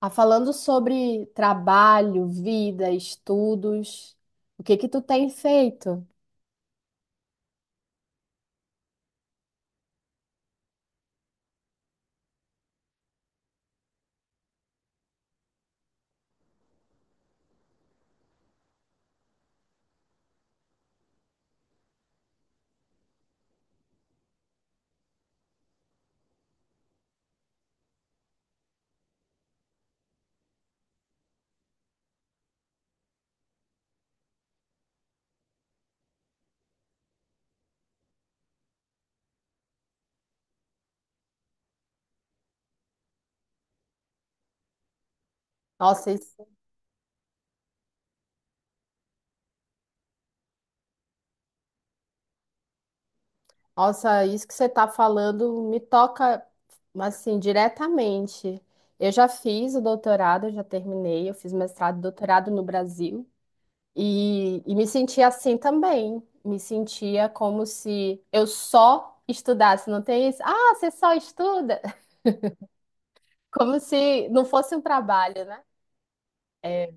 Ah, falando sobre trabalho, vida, estudos, o que que tu tem feito? Nossa, isso, Nossa, isso que você está falando me toca assim diretamente. Eu já fiz o doutorado, eu já terminei, eu fiz mestrado e doutorado no Brasil e me sentia assim também. Me sentia como se eu só estudasse, não tem isso? Ah, você só estuda? Como se não fosse um trabalho, né? É,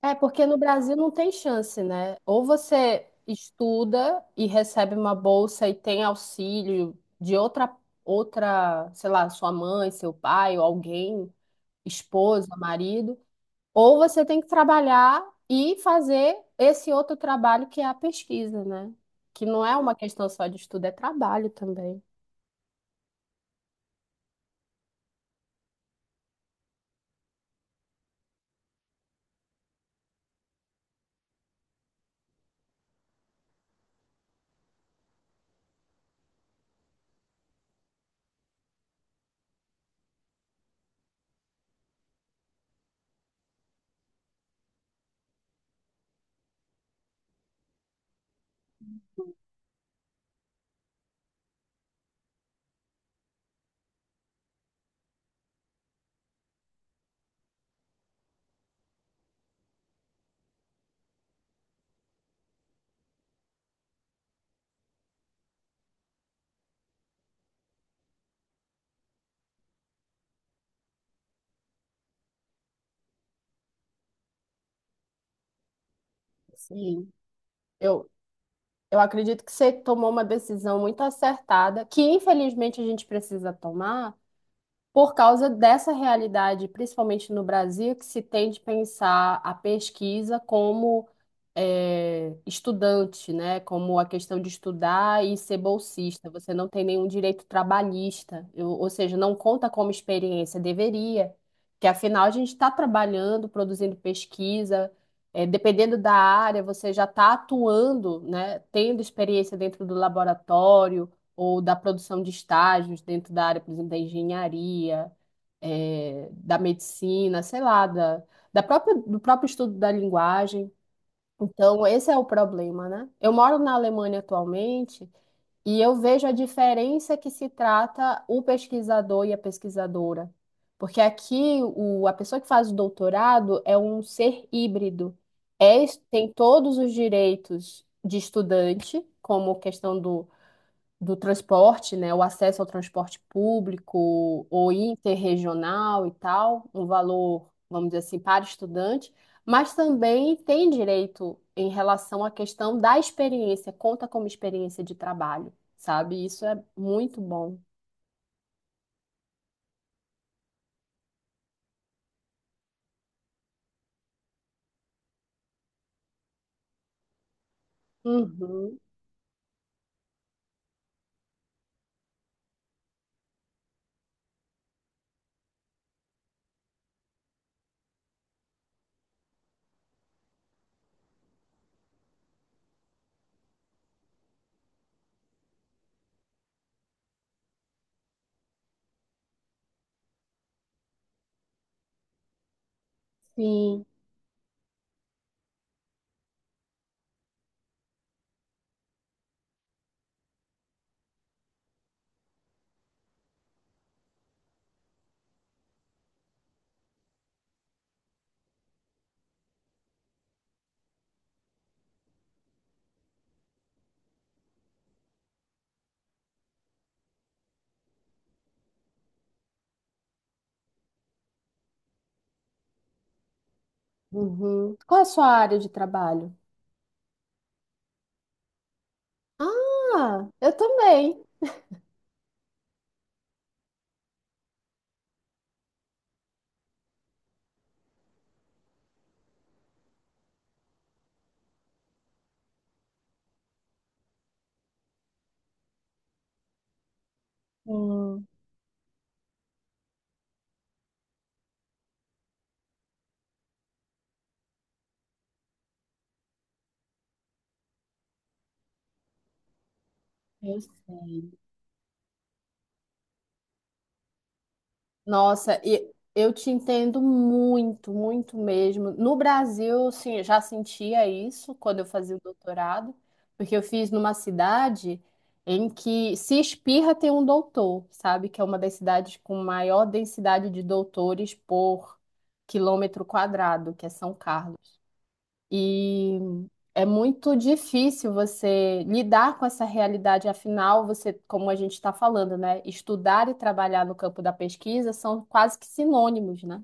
é, porque no Brasil não tem chance, né? Ou você estuda e recebe uma bolsa e tem auxílio de outra, sei lá, sua mãe, seu pai, ou alguém, esposa, marido, ou você tem que trabalhar e fazer esse outro trabalho que é a pesquisa, né? Que não é uma questão só de estudo, é trabalho também. Sim. Eu, eu acredito que você tomou uma decisão muito acertada, que infelizmente a gente precisa tomar por causa dessa realidade, principalmente no Brasil, que se tende a pensar a pesquisa como estudante, né? Como a questão de estudar e ser bolsista. Você não tem nenhum direito trabalhista, ou seja, não conta como experiência, deveria, que afinal a gente está trabalhando, produzindo pesquisa. Eh, dependendo da área, você já está atuando, né, tendo experiência dentro do laboratório, ou da produção de estágios dentro da área, por exemplo, da engenharia, da medicina, sei lá, do próprio estudo da linguagem. Então, esse é o problema, né? Eu moro na Alemanha atualmente e eu vejo a diferença que se trata o pesquisador e a pesquisadora. Porque aqui a pessoa que faz o doutorado é um ser híbrido. É, tem todos os direitos de estudante, como questão do transporte, né, o acesso ao transporte público ou interregional e tal, um valor, vamos dizer assim, para estudante, mas também tem direito em relação à questão da experiência, conta como experiência de trabalho, sabe? Isso é muito bom. Uhum, sim. Uhum. Qual é a sua área de trabalho? Ah, eu também. Hum. eu Nossa, e eu te entendo muito, muito mesmo. No Brasil, sim, eu já sentia isso quando eu fazia o doutorado, porque eu fiz numa cidade em que se espirra tem um doutor, sabe? Que é uma das cidades com maior densidade de doutores por quilômetro quadrado, que é São Carlos. E é muito difícil você lidar com essa realidade, afinal, você, como a gente está falando, né? Estudar e trabalhar no campo da pesquisa são quase que sinônimos, né?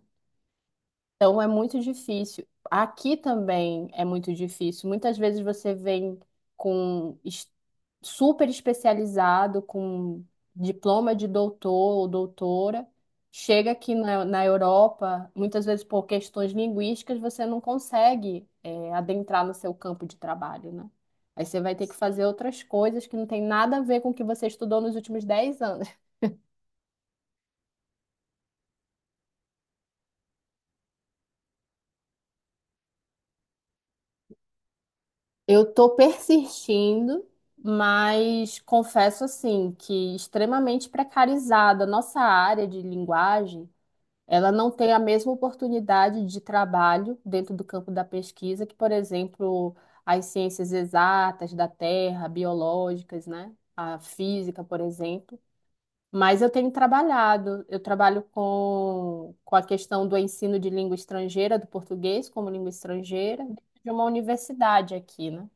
Então é muito difícil. Aqui também é muito difícil. Muitas vezes você vem com super especializado, com diploma de doutor ou doutora. Chega aqui na Europa, muitas vezes por questões linguísticas, você não consegue, adentrar no seu campo de trabalho, né? Aí você vai ter que fazer outras coisas que não tem nada a ver com o que você estudou nos últimos 10 anos. Eu tô persistindo, mas confesso assim que extremamente precarizada. Nossa área de linguagem, ela não tem a mesma oportunidade de trabalho dentro do campo da pesquisa que, por exemplo, as ciências exatas da Terra, biológicas, né? A física, por exemplo. Mas eu tenho trabalhado, eu trabalho com a questão do ensino de língua estrangeira, do português como língua estrangeira, dentro de uma universidade aqui, né?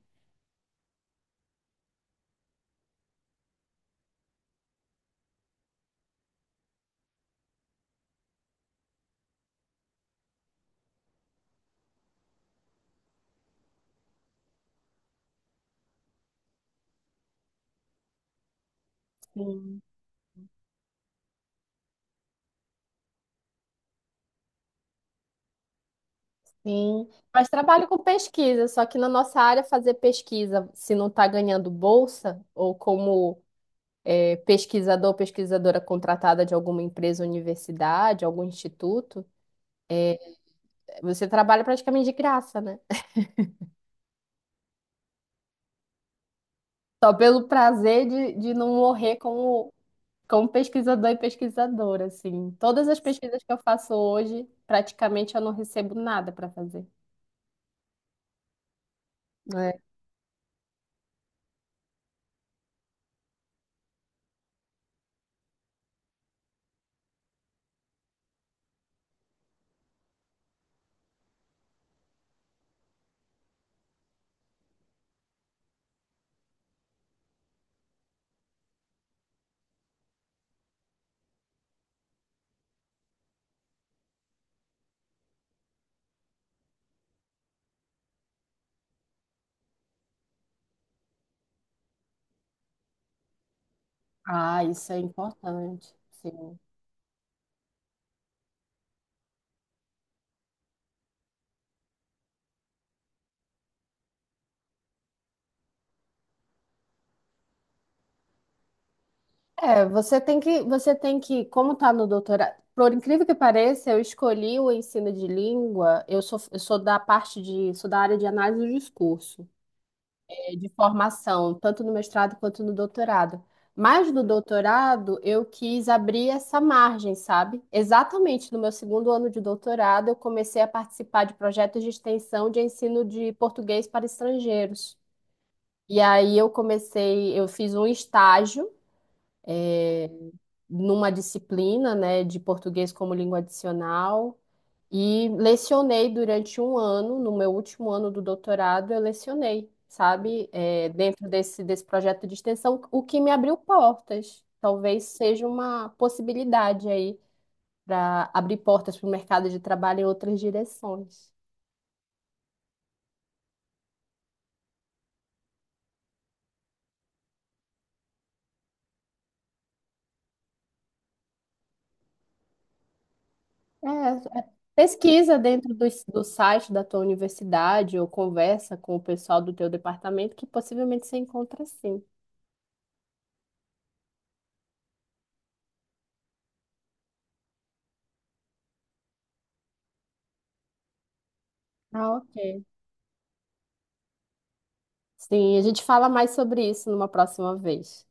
Sim. Sim, mas trabalho com pesquisa, só que na nossa área fazer pesquisa, se não está ganhando bolsa, ou como pesquisador, pesquisadora contratada de alguma empresa, universidade, algum instituto, você trabalha praticamente de graça, né? Só pelo prazer de não morrer como pesquisador e pesquisadora, assim. Todas as pesquisas que eu faço hoje, praticamente eu não recebo nada para fazer. Né? Ah, isso é importante. Sim. É, como tá no doutorado, por incrível que pareça, eu escolhi o ensino de língua, eu sou sou da área de análise do discurso, de formação, tanto no mestrado quanto no doutorado. Mas no doutorado, eu quis abrir essa margem, sabe? Exatamente no meu segundo ano de doutorado, eu comecei a participar de projetos de extensão de ensino de português para estrangeiros. E aí eu comecei, eu fiz um estágio é, numa disciplina, né, de português como língua adicional e lecionei durante um ano, no meu último ano do doutorado, eu lecionei, sabe, dentro desse projeto de extensão, o que me abriu portas. Talvez seja uma possibilidade aí para abrir portas para o mercado de trabalho em outras direções. É, é, pesquisa dentro do site da tua universidade ou conversa com o pessoal do teu departamento que possivelmente você encontra sim. Ah, ok. Sim, a gente fala mais sobre isso numa próxima vez.